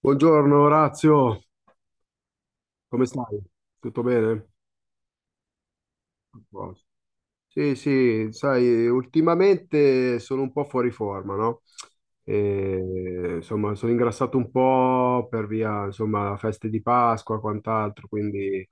Buongiorno Orazio, come stai? Tutto bene? A posto. Sì, sì, sai, ultimamente sono un po' fuori forma, no? E, insomma, sono ingrassato un po' per via, insomma, feste di Pasqua, quant'altro, quindi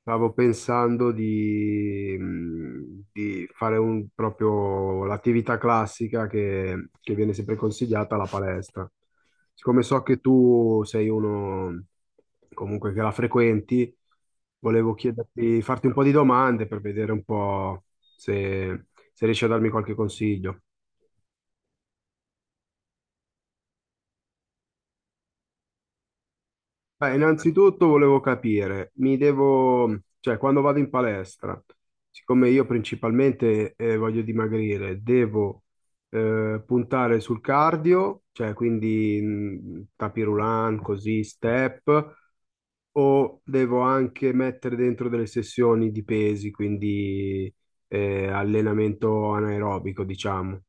stavo pensando di fare un, proprio l'attività classica che viene sempre consigliata alla palestra. Siccome so che tu sei uno comunque che la frequenti, volevo chiederti, farti un po' di domande per vedere un po' se, se riesci a darmi qualche consiglio. Beh, innanzitutto volevo capire, mi devo, cioè quando vado in palestra, siccome io principalmente voglio dimagrire, devo puntare sul cardio, cioè quindi tapis roulant, così, step, o devo anche mettere dentro delle sessioni di pesi, quindi allenamento anaerobico, diciamo.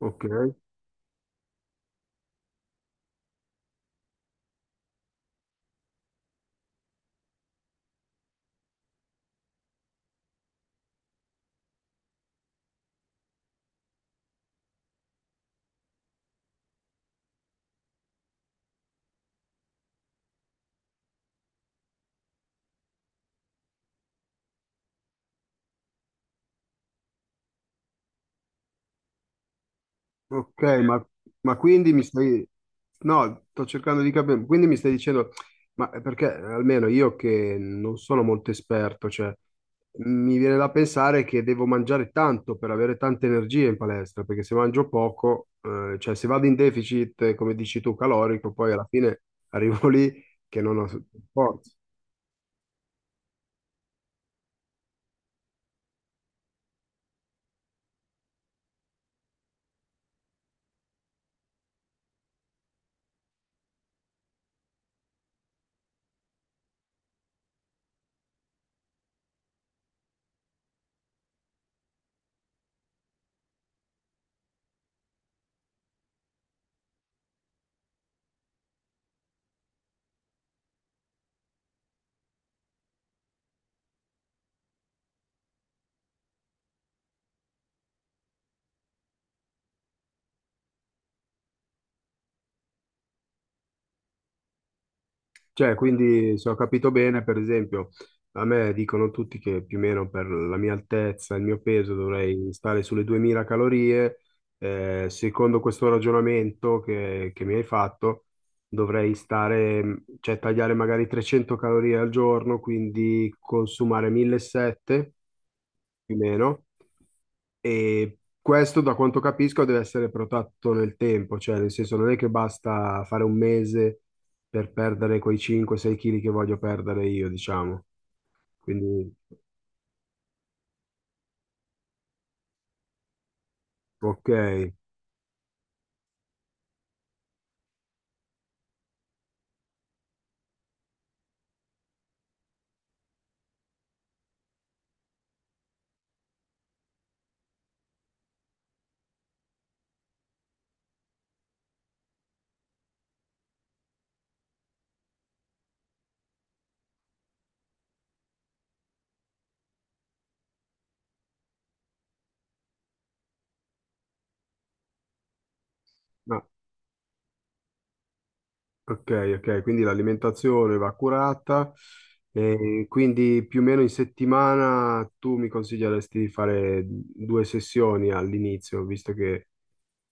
Ok. Ok, ma quindi mi stai. No, sto cercando di capire, quindi mi stai dicendo, ma perché almeno io che non sono molto esperto, cioè mi viene da pensare che devo mangiare tanto per avere tante energie in palestra, perché se mangio poco, cioè se vado in deficit, come dici tu, calorico, poi alla fine arrivo lì che non ho forza. Cioè, quindi se ho capito bene, per esempio, a me dicono tutti che più o meno per la mia altezza, il mio peso dovrei stare sulle 2000 calorie. Secondo questo ragionamento che mi hai fatto, dovrei stare, cioè tagliare magari 300 calorie al giorno, quindi consumare 1700 più o meno. E questo, da quanto capisco, deve essere protetto nel tempo, cioè nel senso non è che basta fare un mese per perdere quei 5-6 kg che voglio perdere io, diciamo. Quindi, ok, ma- ok, ok, quindi l'alimentazione va curata. E quindi più o meno in settimana tu mi consiglieresti di fare due sessioni all'inizio, visto che,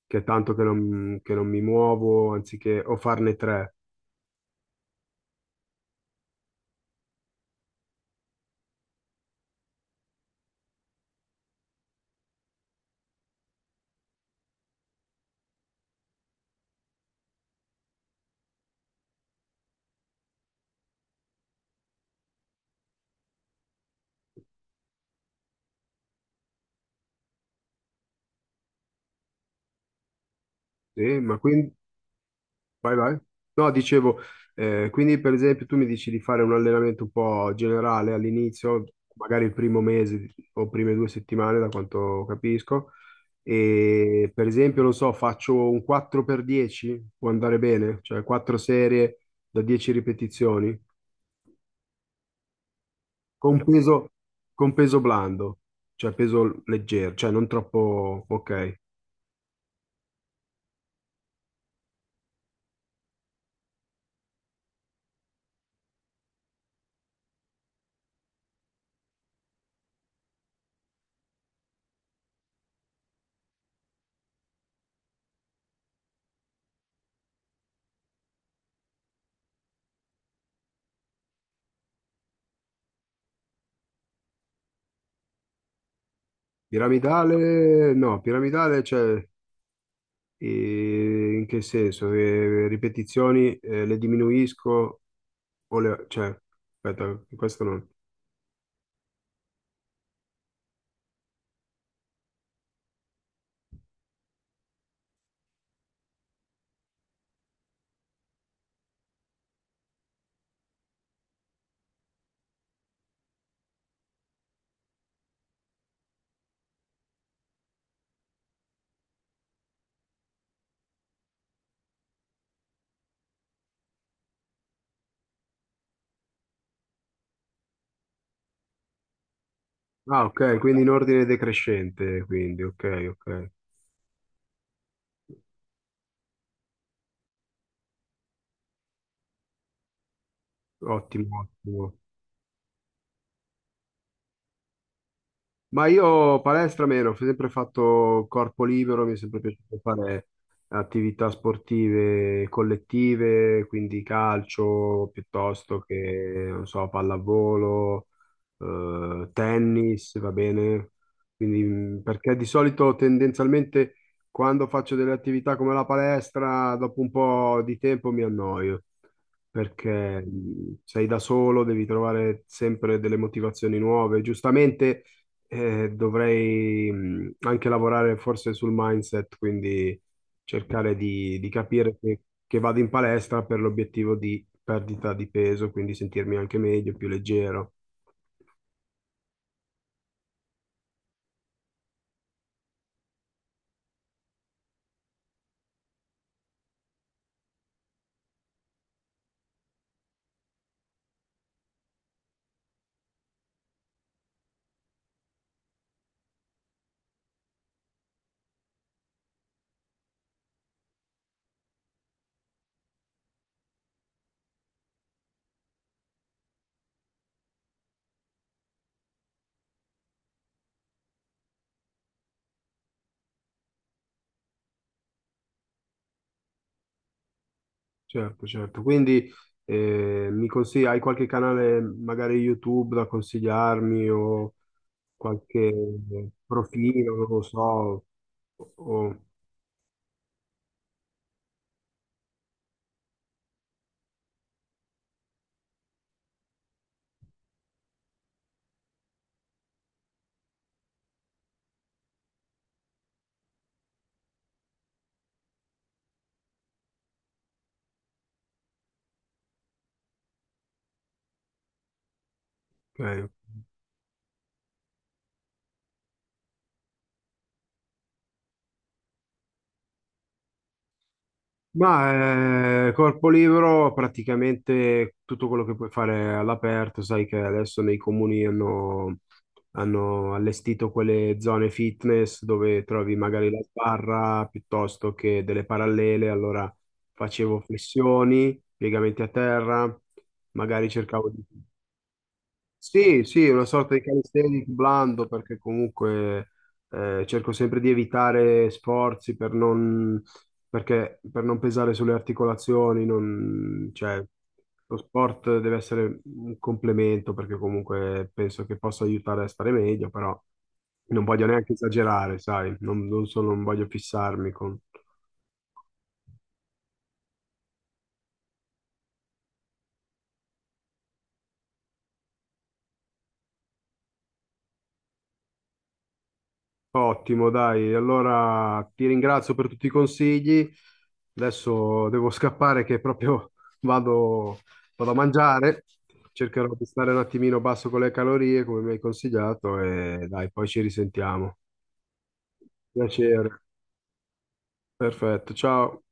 che è tanto che non mi muovo, anziché o farne tre. Sì, ma quindi vai, vai. No, dicevo, quindi per esempio tu mi dici di fare un allenamento un po' generale all'inizio, magari il primo mese o prime due settimane, da quanto capisco, e per esempio, non so, faccio un 4x10, può andare bene, cioè 4 serie da 10 ripetizioni, con peso, con peso blando, cioè peso leggero, cioè non troppo, ok. Piramidale, no, piramidale, cioè. E in che senso? Che ripetizioni le diminuisco o le, cioè, aspetta, questo non. Ah, ok, quindi in ordine decrescente, quindi, ok, ok. Ottimo, ottimo. Ma io palestra meno, ho sempre fatto corpo libero, mi è sempre piaciuto fare attività sportive collettive, quindi calcio piuttosto che, non so, pallavolo, tennis, va bene? Quindi, perché di solito tendenzialmente quando faccio delle attività come la palestra, dopo un po' di tempo mi annoio perché sei da solo, devi trovare sempre delle motivazioni nuove. Giustamente dovrei anche lavorare forse sul mindset, quindi cercare di capire che vado in palestra per l'obiettivo di perdita di peso, quindi sentirmi anche meglio, più leggero. Certo, certo. Quindi mi consigli, hai qualche canale, magari YouTube, da consigliarmi o qualche profilo, non lo so. O- ok. Ma corpo libero praticamente tutto quello che puoi fare all'aperto, sai che adesso nei comuni hanno, allestito quelle zone fitness dove trovi magari la sbarra piuttosto che delle parallele, allora facevo flessioni, piegamenti a terra, magari cercavo di sì, sì, una sorta di calisthenic blando perché comunque cerco sempre di evitare sforzi per non, per non pesare sulle articolazioni, cioè, lo sport deve essere un complemento perché comunque penso che possa aiutare a stare meglio, però non voglio neanche esagerare, sai, non voglio fissarmi con. Ottimo, dai. Allora ti ringrazio per tutti i consigli. Adesso devo scappare che proprio vado, vado, a mangiare. Cercherò di stare un attimino basso con le calorie, come mi hai consigliato, e dai, poi ci risentiamo. Piacere. Perfetto, ciao.